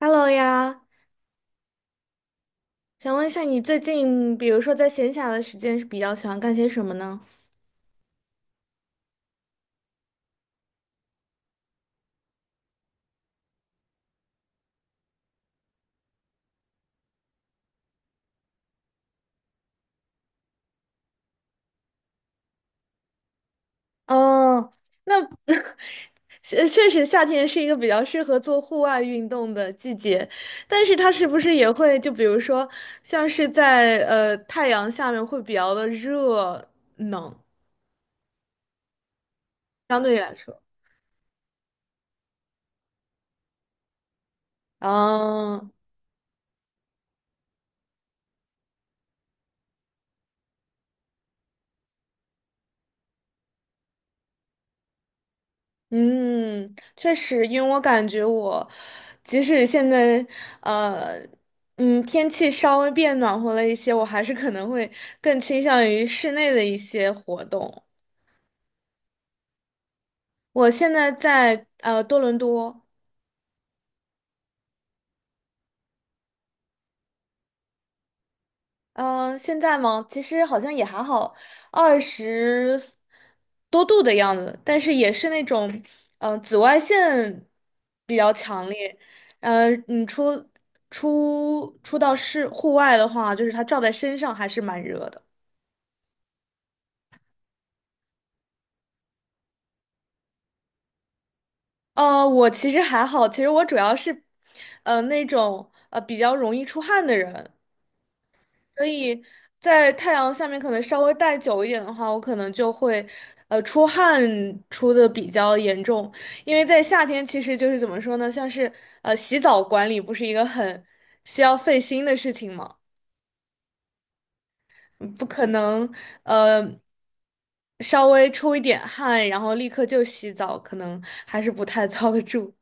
Hello 呀，想问一下你最近，比如说在闲暇的时间是比较喜欢干些什么呢？哦，那 确实夏天是一个比较适合做户外运动的季节，但是它是不是也会就比如说像是在太阳下面会比较的热呢？相对来说，嗯。嗯，确实，因为我感觉我，即使现在，呃，天气稍微变暖和了一些，我还是可能会更倾向于室内的一些活动。我现在在多伦多，嗯，现在吗？其实好像也还好，二十多度的样子，但是也是那种，紫外线比较强烈。嗯，你出到室户外的话，就是它照在身上还是蛮热的。我其实还好，其实我主要是，那种比较容易出汗的人，所以在太阳下面可能稍微待久一点的话，我可能就会，出汗出的比较严重，因为在夏天其实就是怎么说呢，像是洗澡管理不是一个很需要费心的事情嘛，嗯不可能呃稍微出一点汗，然后立刻就洗澡，可能还是不太 遭得住。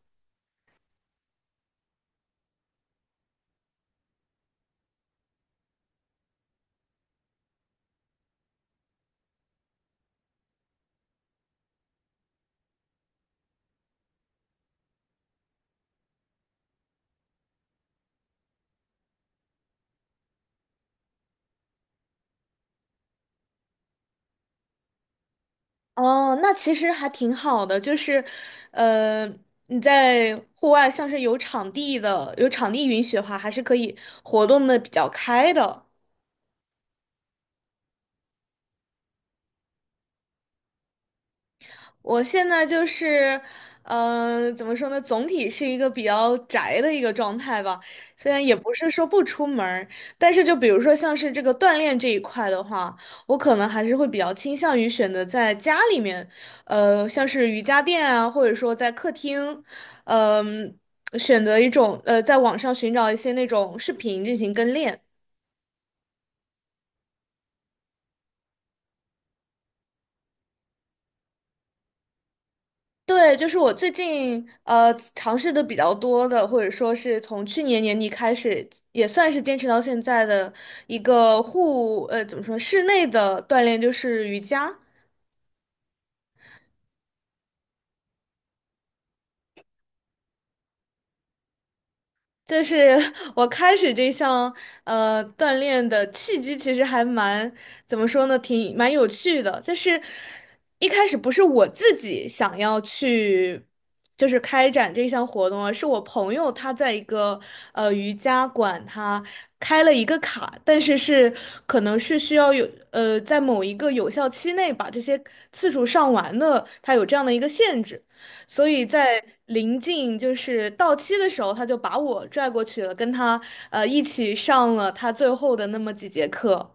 哦，那其实还挺好的，就是，呃，你在户外，像是有场地的，有场地允许的话，还是可以活动的比较开的。我现在就是，怎么说呢？总体是一个比较宅的一个状态吧。虽然也不是说不出门儿但是就比如说像是这个锻炼这一块的话，我可能还是会比较倾向于选择在家里面，像是瑜伽垫啊，或者说在客厅，呃嗯、选择一种在网上寻找一些那种视频进行跟练。对，就是我最近尝试的比较多的，或者说是从去年年底开始，也算是坚持到现在的一个怎么说，室内的锻炼就是瑜伽。就是我开始这项锻炼的契机，其实还蛮怎么说呢，挺蛮有趣的。就是一开始不是我自己想要去，就是开展这项活动啊，是我朋友他在一个瑜伽馆，他开了一个卡，但是可能是需要有在某一个有效期内把这些次数上完的，他有这样的一个限制。所以在临近就是到期的时候，他就把我拽过去了，跟他一起上了他最后的那么几节课。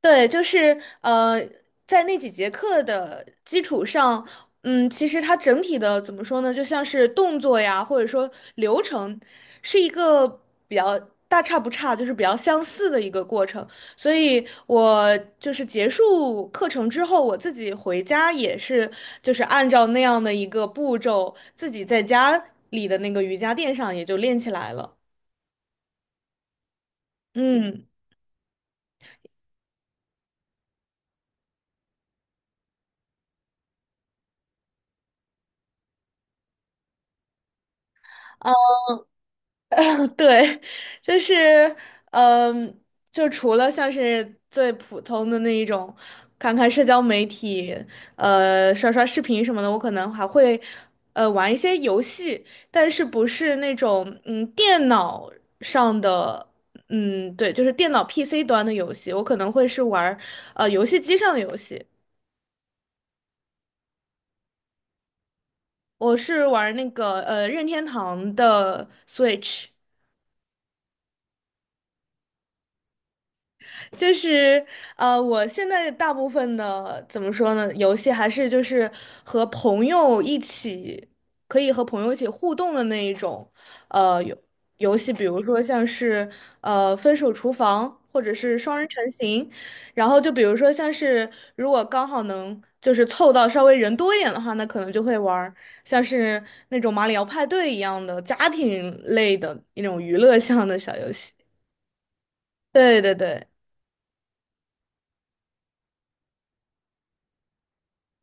对，就是在那几节课的基础上，嗯，其实它整体的怎么说呢，就像是动作呀，或者说流程，是一个比较大差不差，就是比较相似的一个过程。所以我就是结束课程之后，我自己回家也是，就是按照那样的一个步骤，自己在家里的那个瑜伽垫上也就练起来了。嗯。啊。对，就是，嗯，就除了像是最普通的那一种，看看社交媒体，刷刷视频什么的，我可能还会，玩一些游戏，但是不是那种，电脑上的，对，就是电脑 PC 端的游戏，我可能会是玩儿游戏机上的游戏，我是玩儿那个，任天堂的 Switch。就是我现在大部分的怎么说呢，游戏还是就是和朋友一起，可以和朋友一起互动的那一种，呃，游游戏，比如说像是《分手厨房》或者是双人成行，然后就比如说像是如果刚好能就是凑到稍微人多一点的话，那可能就会玩儿像是那种马里奥派对一样的家庭类的那种娱乐向的小游戏。对对对。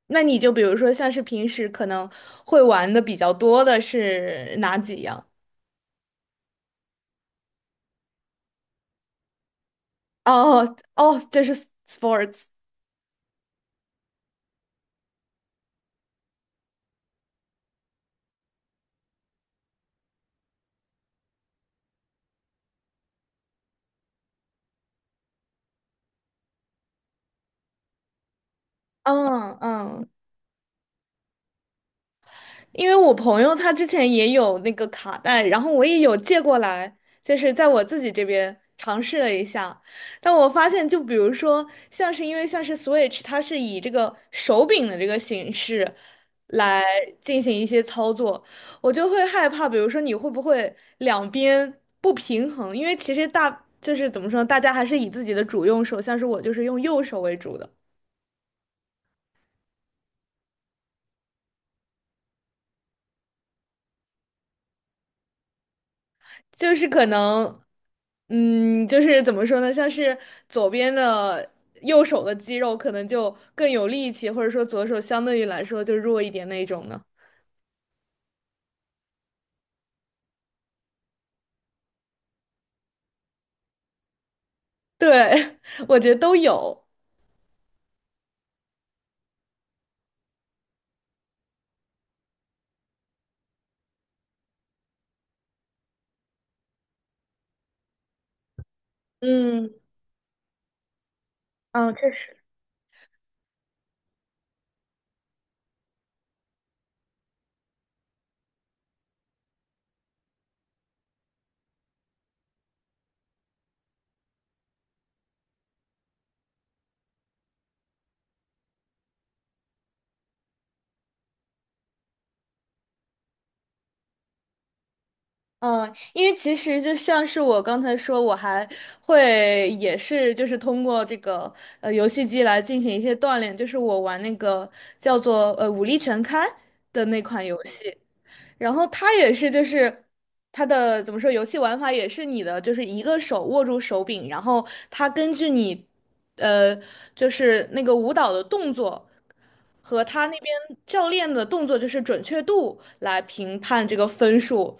那你就比如说像是平时可能会玩的比较多的是哪几样？哦哦，这是 sports。嗯嗯，因为我朋友他之前也有那个卡带，然后我也有借过来，就是在我自己这边尝试了一下，但我发现，就比如说，像是因为像是 Switch，它是以这个手柄的这个形式来进行一些操作，我就会害怕，比如说你会不会两边不平衡？因为其实就是怎么说，大家还是以自己的主用手，像是我就是用右手为主的。就是可能，就是怎么说呢，像是左边的右手的肌肉可能就更有力气，或者说左手相对于来说就弱一点那一种呢。对，我觉得都有。嗯，嗯，确实。嗯，因为其实就像是我刚才说，我还会也是就是通过这个游戏机来进行一些锻炼，就是我玩那个叫做《武力全开》的那款游戏。然后它也是就是它的怎么说，游戏玩法也是你的就是一个手握住手柄，然后它根据你呃就是那个舞蹈的动作。和他那边教练的动作就是准确度来评判这个分数，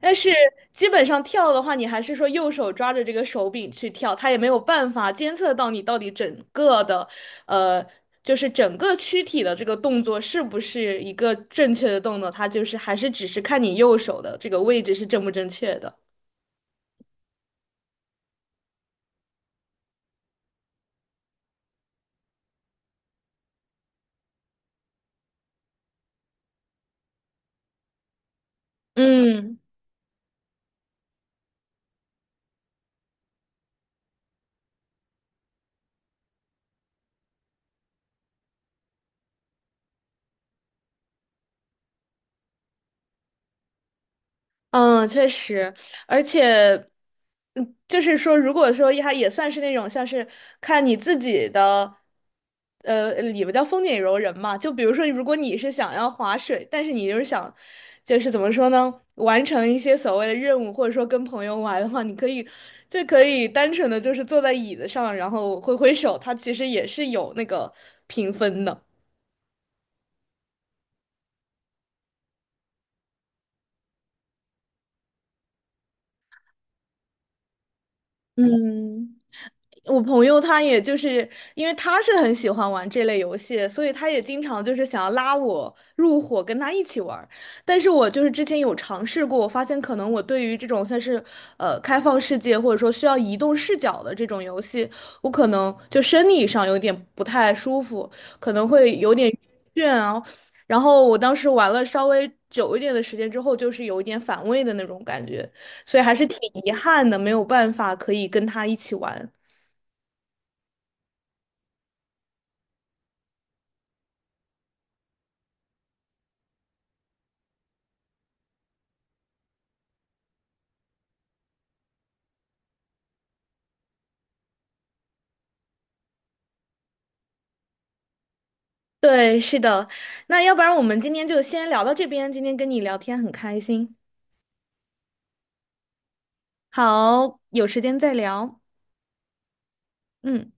但是基本上跳的话，你还是说右手抓着这个手柄去跳，他也没有办法监测到你到底整个的呃，就是整个躯体的这个动作是不是一个正确的动作，它就是还是只是看你右手的这个位置是正不正确的。嗯。嗯，确实，而且，就是说，如果说它也算是那种像是看你自己的，里边叫风景柔人嘛。就比如说，如果你是想要划水，但是你就是想，就是怎么说呢，完成一些所谓的任务，或者说跟朋友玩的话，你可以就可以单纯的就是坐在椅子上，然后挥挥手，它其实也是有那个评分的。嗯。我朋友他也就是因为他是很喜欢玩这类游戏，所以他也经常就是想要拉我入伙跟他一起玩儿但是我就是之前有尝试过，我发现可能我对于这种算是开放世界或者说需要移动视角的这种游戏，我可能就生理上有点不太舒服，可能会有点倦啊。然后我当时玩了稍微久一点的时间之后，就是有一点反胃的那种感觉，所以还是挺遗憾的，没有办法可以跟他一起玩。对，是的。那要不然我们今天就先聊到这边，今天跟你聊天很开心。好，有时间再聊。嗯。